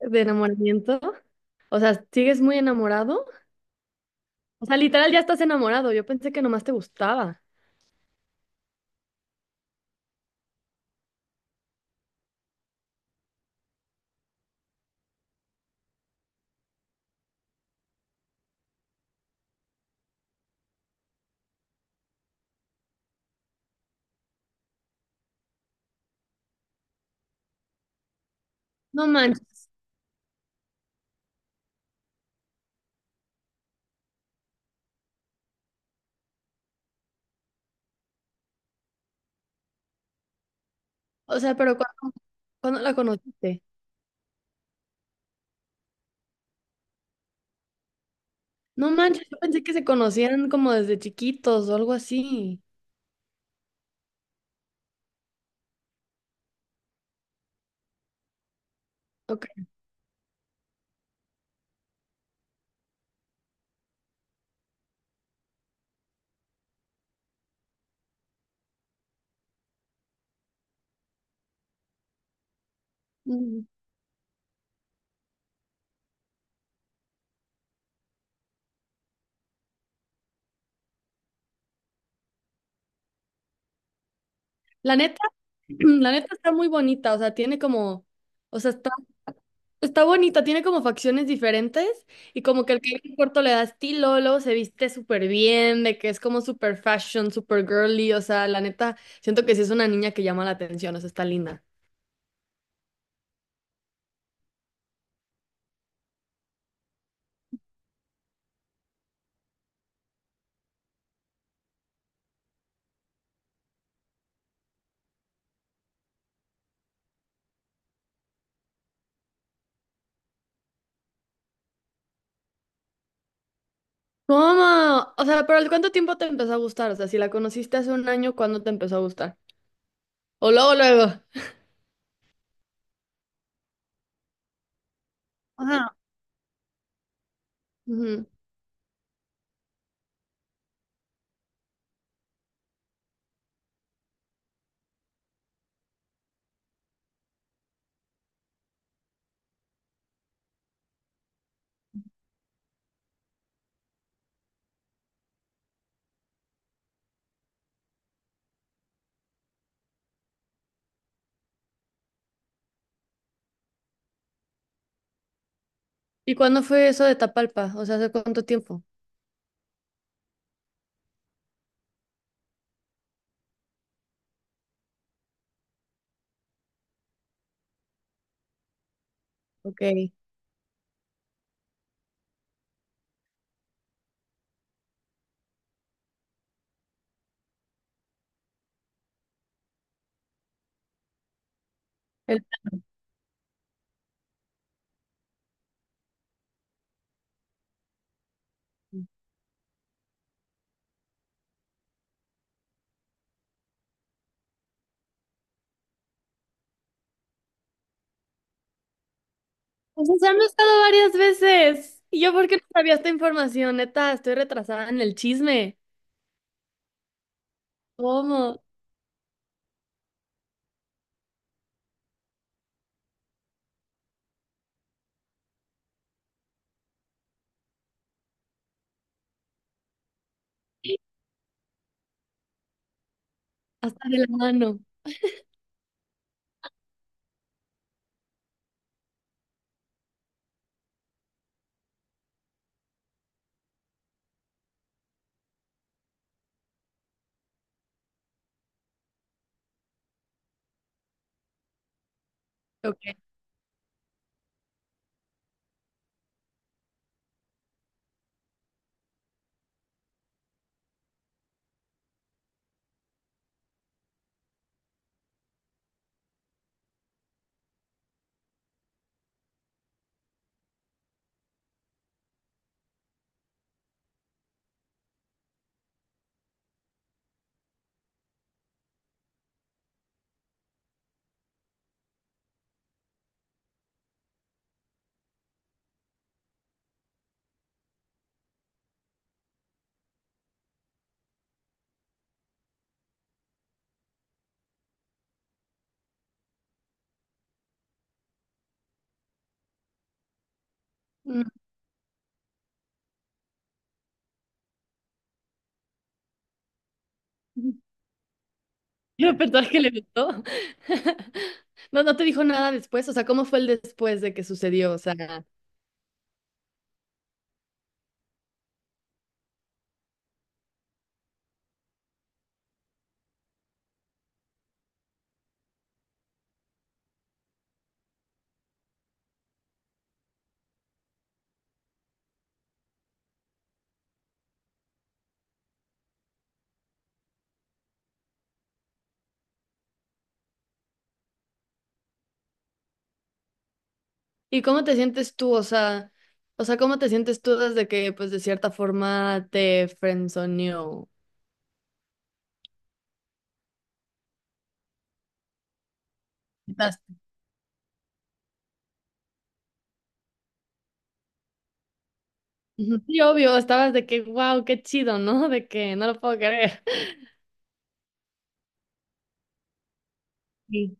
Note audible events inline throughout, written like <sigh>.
De enamoramiento. O sea, ¿sigues muy enamorado? O sea, literal ya estás enamorado. Yo pensé que nomás te gustaba. No manches. O sea, pero ¿cuándo la conociste? No manches, yo pensé que se conocían como desde chiquitos o algo así. Ok. Mm. La neta, <clears throat> la neta está muy bonita. O sea, tiene como, o sea, está Está bonita, tiene como facciones diferentes y como que el cabello corto le da estilo, luego se viste súper bien, de que es como súper fashion, súper girly, o sea, la neta, siento que sí es una niña que llama la atención, o sea, está linda. ¿Cómo? O sea, pero ¿al cuánto tiempo te empezó a gustar? O sea, si la conociste hace un año, ¿cuándo te empezó a gustar? O luego, luego. Ajá. Ujú. ¿Y cuándo fue eso de Tapalpa? O sea, ¿hace cuánto tiempo? Ok. El... Pues, o sea, han estado varias veces. ¿Y yo por qué no sabía esta información? Neta, estoy retrasada en el chisme. ¿Cómo? Hasta de la mano. Ok. Mm. <laughs> El repertorio que le gustó. <laughs> No, no te dijo nada después. O sea, ¿cómo fue el después de que sucedió? O sea, ¿y cómo te sientes tú? O sea, ¿cómo te sientes tú desde que, pues, de cierta forma te friendzoneó? Estás- Ujú. Sí, obvio, estabas de que, wow, qué chido, ¿no? <laughs> De que no lo puedo creer. Sí.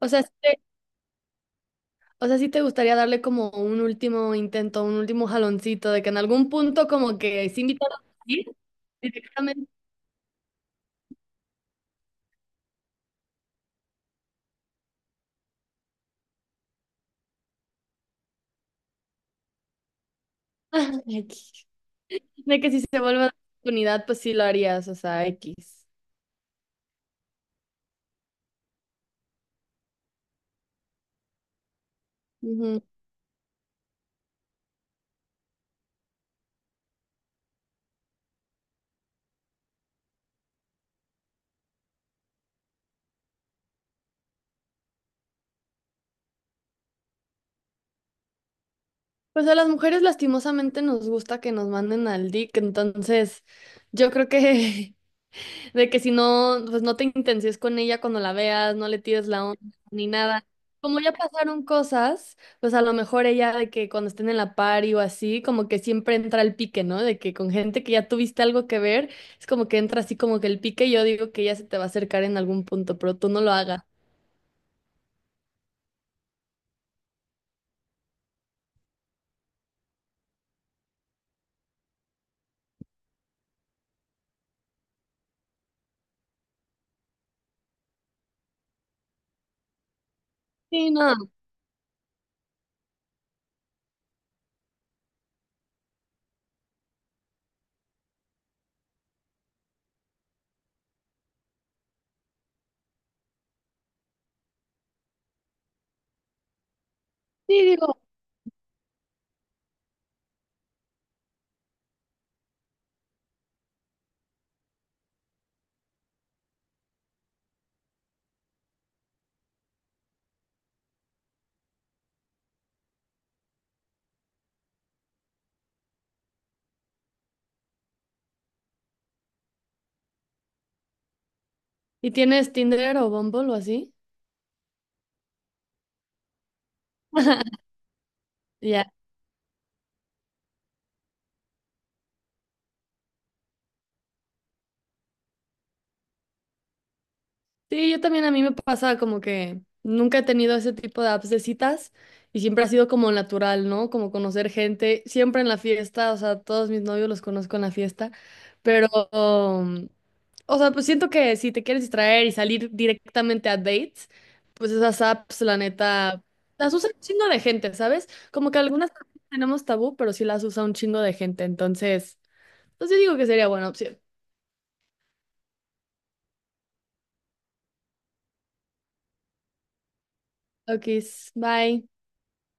O sea, sí O sea, sí te gustaría darle como un último intento, un último jaloncito, de que en algún punto como que sí invitarlos a ir directamente. <laughs> X. De que si se vuelve a dar la oportunidad, pues sí lo harías, o sea, X. Ujú. Pues a las mujeres lastimosamente nos gusta que nos manden al dick, entonces yo creo que <laughs> de que si no, pues no te intencies con ella cuando la veas, no le tires la onda ni nada. Como ya pasaron cosas, pues a lo mejor ella de que cuando estén en la party o así, como que siempre entra el pique, ¿no? De que con gente que ya tuviste algo que ver, es como que entra así como que el pique, y yo digo que ella se te va a acercar en algún punto, pero tú no lo hagas. Sí, no, sí, digo. ¿Y tienes Tinder o Bumble o así? <laughs> Ya. Sí, yo también a mí me pasa como que nunca he tenido ese tipo de apps de citas y siempre ha sido como natural, ¿no? Como conocer gente, siempre en la fiesta, o sea, todos mis novios los conozco en la fiesta, pero, um, o sea, pues siento que si te quieres distraer y salir directamente a dates, pues esas apps, la neta, las usa un chingo de gente, ¿sabes? Como que algunas tenemos tabú, pero sí las usa un chingo de gente, entonces, pues yo digo que sería buena opción. Ok, bye.